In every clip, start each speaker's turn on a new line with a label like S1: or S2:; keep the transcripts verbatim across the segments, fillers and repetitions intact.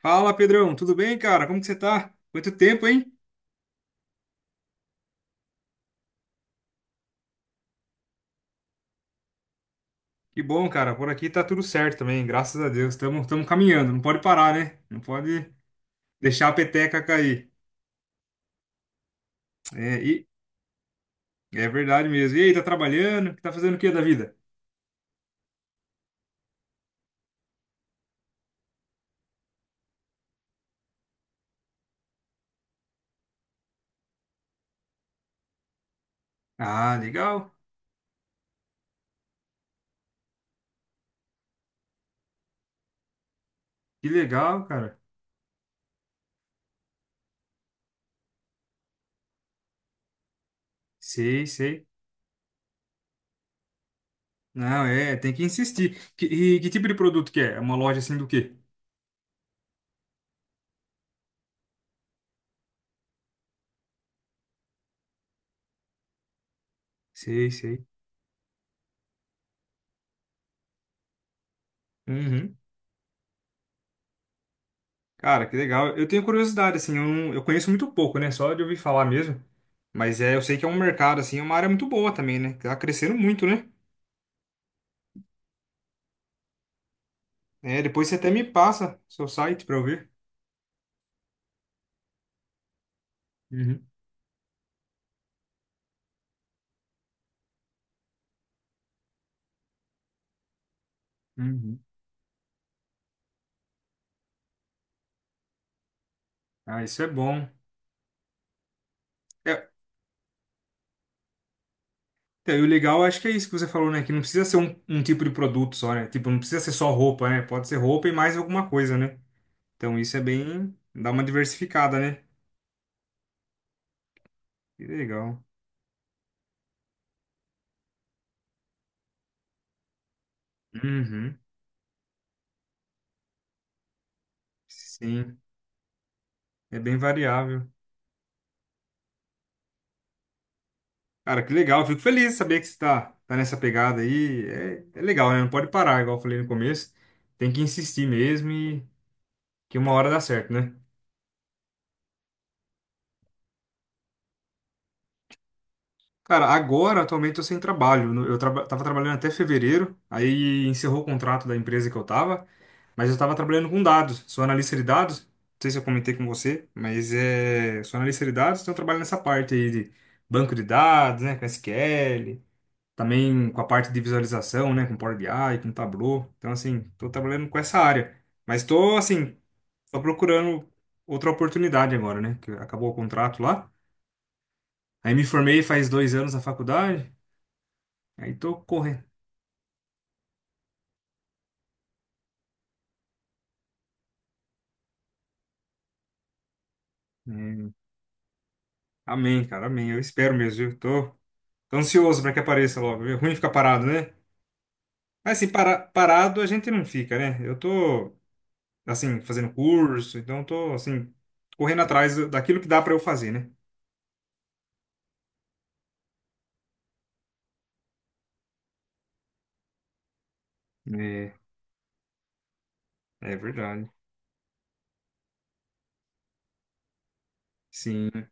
S1: Fala, Pedrão, tudo bem, cara? Como que você tá? Quanto tempo, hein? Que bom, cara. Por aqui tá tudo certo também, graças a Deus. Estamos caminhando, não pode parar, né? Não pode deixar a peteca cair. É, e é verdade mesmo. E aí, tá trabalhando? Tá fazendo o que da vida? Ah, legal. Que legal, cara. Sei, sei. Não, é, tem que insistir. Que- e que tipo de produto que é? É uma loja assim do quê? Sei, sei. Uhum. Cara, que legal. Eu tenho curiosidade, assim, eu, não- eu conheço muito pouco, né? Só de ouvir falar mesmo. Mas é, eu sei que é um mercado, assim, é uma área muito boa também, né? Que tá crescendo muito, né? É, depois você até me passa seu site pra eu ver. Uhum, uhum. Ah, isso é bom. É, então, e o legal, acho que é isso que você falou, né? Que não precisa ser um, um tipo de produto só, né? Tipo, não precisa ser só roupa, né? Pode ser roupa e mais alguma coisa, né? Então isso é bem, dá uma diversificada, né? Que legal. Uhum, sim. É bem variável. Cara, que legal. Eu fico feliz de saber que você tá, tá nessa pegada aí. É, é legal, né? Não pode parar, igual eu falei no começo. Tem que insistir mesmo e que uma hora dá certo, né? Cara, agora, atualmente, eu sem trabalho. No- Eu traba- tava trabalhando até fevereiro, aí encerrou o contrato da empresa que eu tava, mas eu tava trabalhando com dados. Sou analista de dados. Não sei se eu comentei com você, mas é... sou analista de dados, então eu trabalho nessa parte aí de banco de dados, né? Com S Q L. Também com a parte de visualização, né, com Power B I, com Tableau. Então, assim, tô trabalhando com essa área. Mas tô, assim, tô procurando outra oportunidade agora, né, que acabou o contrato lá. Aí me formei faz dois anos na faculdade, aí tô correndo. Hum, amém, cara, amém. Eu espero mesmo, viu? Tô, tô ansioso para que apareça logo. É ruim ficar parado, né? Mas, assim, para, parado a gente não fica, né? Eu tô, assim, fazendo curso, então tô, assim, correndo atrás daquilo que dá para eu fazer, né? É, é verdade. Sim.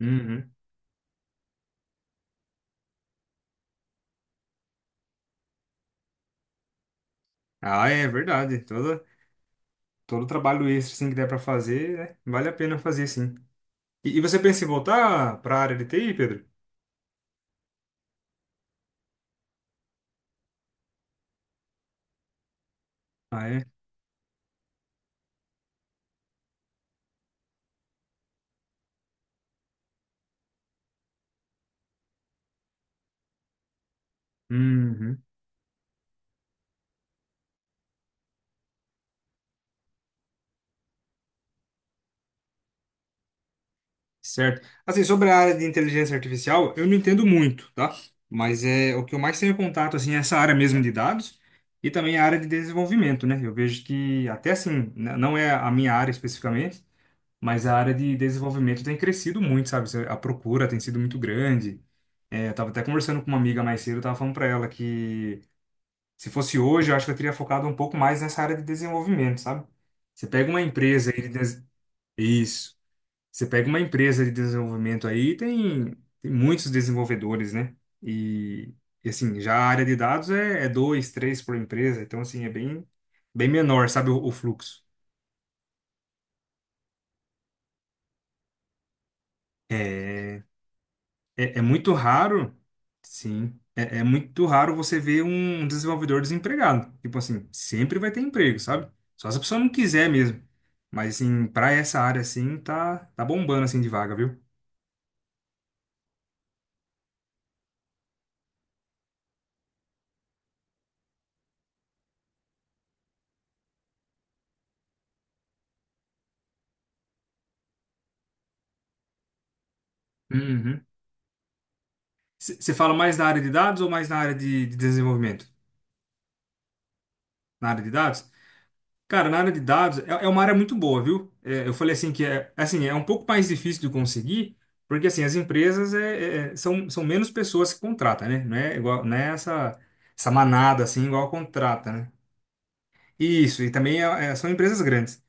S1: Uhum. Ah, é verdade. Todo, todo trabalho extra assim, que der para fazer, né? Vale a pena fazer, sim. E, e você pensa em voltar para a área de T I, Pedro? Ah, é? Uhum. Certo. Assim, sobre a área de inteligência artificial, eu não entendo muito, tá? Mas é o que eu mais tenho contato, assim, é essa área mesmo de dados e também a área de desenvolvimento, né? Eu vejo que, até assim, n- não é a minha área especificamente, mas a área de desenvolvimento tem crescido muito, sabe? A procura tem sido muito grande. É, eu tava até conversando com uma amiga mais cedo, eu tava falando pra ela que se fosse hoje, eu acho que eu teria focado um pouco mais nessa área de desenvolvimento, sabe? Você pega uma empresa aí de des... Isso. Você pega uma empresa de desenvolvimento aí, tem, tem muitos desenvolvedores, né? E, e assim, já a área de dados é, é dois, três por empresa, então assim, é bem, bem menor, sabe, o o fluxo. É, É, é muito raro, sim. É, é muito raro você ver um desenvolvedor desempregado. Tipo assim, sempre vai ter emprego, sabe? Só se a pessoa não quiser mesmo. Mas assim, pra essa área assim, tá, tá bombando assim de vaga, viu? Uhum. Você fala mais na área de dados ou mais na área de, de desenvolvimento? Na área de dados? Cara, na área de dados é, é uma área muito boa, viu? É, eu falei assim que é assim, é um pouco mais difícil de conseguir, porque assim, as empresas é, é- é, são, são menos pessoas que contratam, né? Não é igual, não é essa, essa manada assim, igual contrata, né? Isso, e também é- é- são empresas grandes.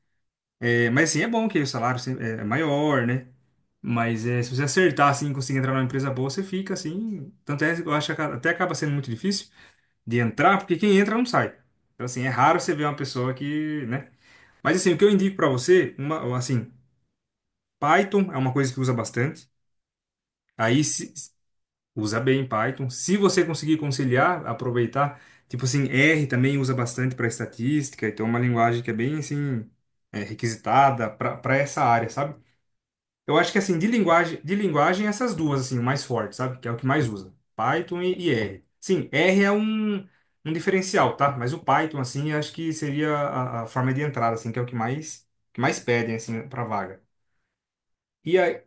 S1: É, mas assim, é bom que o salário se- é é maior, né? Mas é, se você acertar assim, e conseguir entrar numa empresa boa, você fica assim. Tanto é, eu acho que aca- até acaba sendo muito difícil de entrar, porque quem entra não sai. Então, assim, é raro você ver uma pessoa que, né? Mas assim, o que eu indico para você, uma, assim, Python é uma coisa que usa bastante. Aí se, usa bem Python. Se você conseguir conciliar, aproveitar. Tipo assim, R também usa bastante para estatística. Então é uma linguagem que é bem assim é, requisitada para essa área, sabe? Eu acho que assim de linguagem, de linguagem essas duas assim, o mais forte, sabe? Que é o que mais usa, Python e, e R. Sim, R é um um diferencial, tá? Mas o Python assim, eu acho que seria a, a forma de entrada assim, que é o que mais que mais pedem assim para vaga. E aí.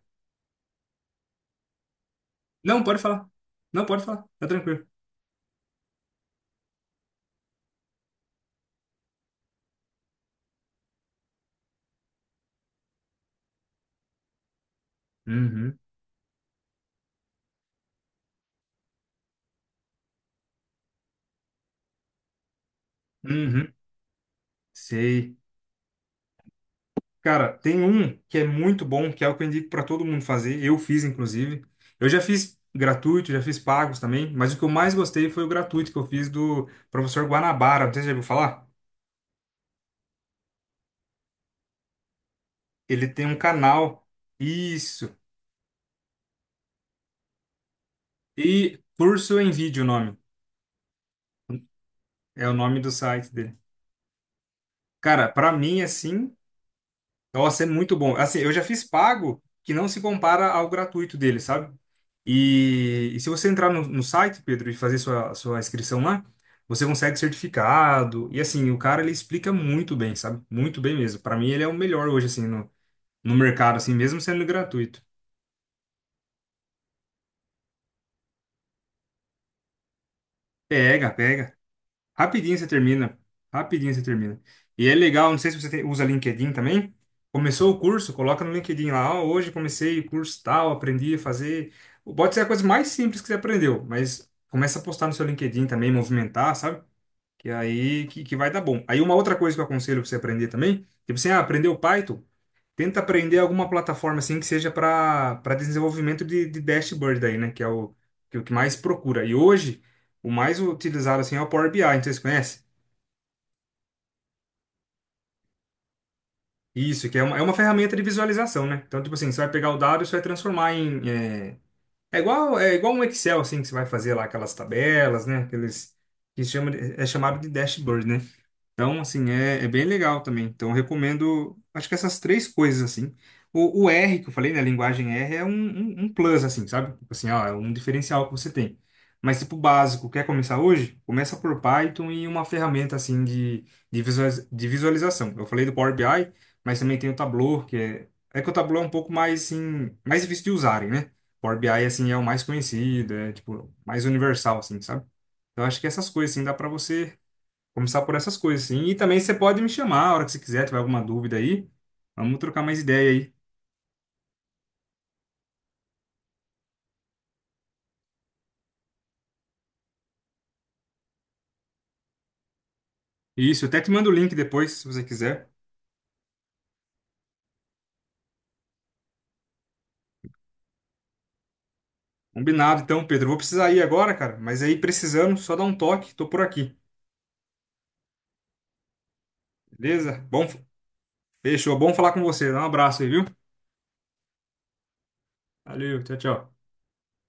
S1: Não, pode falar. Não, pode falar. Tá tranquilo. Uhum. Uhum. Sei. Cara, tem um que é muito bom, que é o que eu indico pra todo mundo fazer. Eu fiz, inclusive. Eu já fiz gratuito, já fiz pagos também, mas o que eu mais gostei foi o gratuito que eu fiz do professor Guanabara. Não sei se você já ouviu falar. Ele tem um canal. Isso. E Curso em Vídeo, é o nome. É o nome do site dele. Cara, pra mim, assim, nossa, é muito bom. Assim, eu já fiz pago que não se compara ao gratuito dele, sabe? E, e se você entrar no, no site, Pedro, e fazer sua, sua inscrição lá, você consegue certificado. E assim, o cara ele explica muito bem, sabe? Muito bem mesmo. Para mim, ele é o melhor hoje, assim, no, no mercado, assim, mesmo sendo gratuito. Pega, pega. Rapidinho você termina. Rapidinho você termina. E é legal, não sei se você tem- usa LinkedIn também. Começou o curso, coloca no LinkedIn lá. Ó, hoje comecei o curso tal, aprendi a fazer. Pode ser a coisa mais simples que você aprendeu, mas começa a postar no seu LinkedIn também, movimentar, sabe? Que aí que, que vai dar bom. Aí uma outra coisa que eu aconselho pra você aprender também, tipo assim, ah, aprendeu Python, tenta aprender alguma plataforma assim que seja para para desenvolvimento de, de dashboard aí, né? Que é o que, o que mais procura. E hoje, o mais utilizado assim é o Power B I, não sei se você conhece. Isso, que é uma, é uma ferramenta de visualização, né? Então, tipo assim, você vai pegar o dado e você vai transformar em. É, é igual, é igual um Excel, assim, que você vai fazer lá aquelas tabelas, né? Aqueles que chama, de- é chamado de dashboard, né? Então, assim, é, é bem legal também. Então, eu recomendo, acho que essas três coisas, assim. O, o R, que eu falei, né? A linguagem R é um, um, um plus, assim, sabe? Tipo assim, ó, é um diferencial que você tem. Mas, tipo, básico, quer começar hoje? Começa por Python e uma ferramenta, assim, de, de, visualiz- de visualização. Eu falei do Power B I, mas também tem o Tableau, que é... É que o Tableau é um pouco mais, assim, mais difícil de usarem, né? Power B I, assim, é o mais conhecido, é, tipo, mais universal, assim, sabe? Então, acho que essas coisas, assim, dá para você começar por essas coisas, sim. E também você pode me chamar a hora que você quiser, tiver alguma dúvida aí. Vamos trocar mais ideia aí. Isso, eu até te mando o link depois, se você quiser. Combinado, então, Pedro. Eu vou precisar ir agora, cara. Mas aí, precisando, só dá um toque. Tô por aqui. Beleza? Bom, fechou. Bom falar com você. Dá um abraço aí, viu? Valeu, tchau, tchau.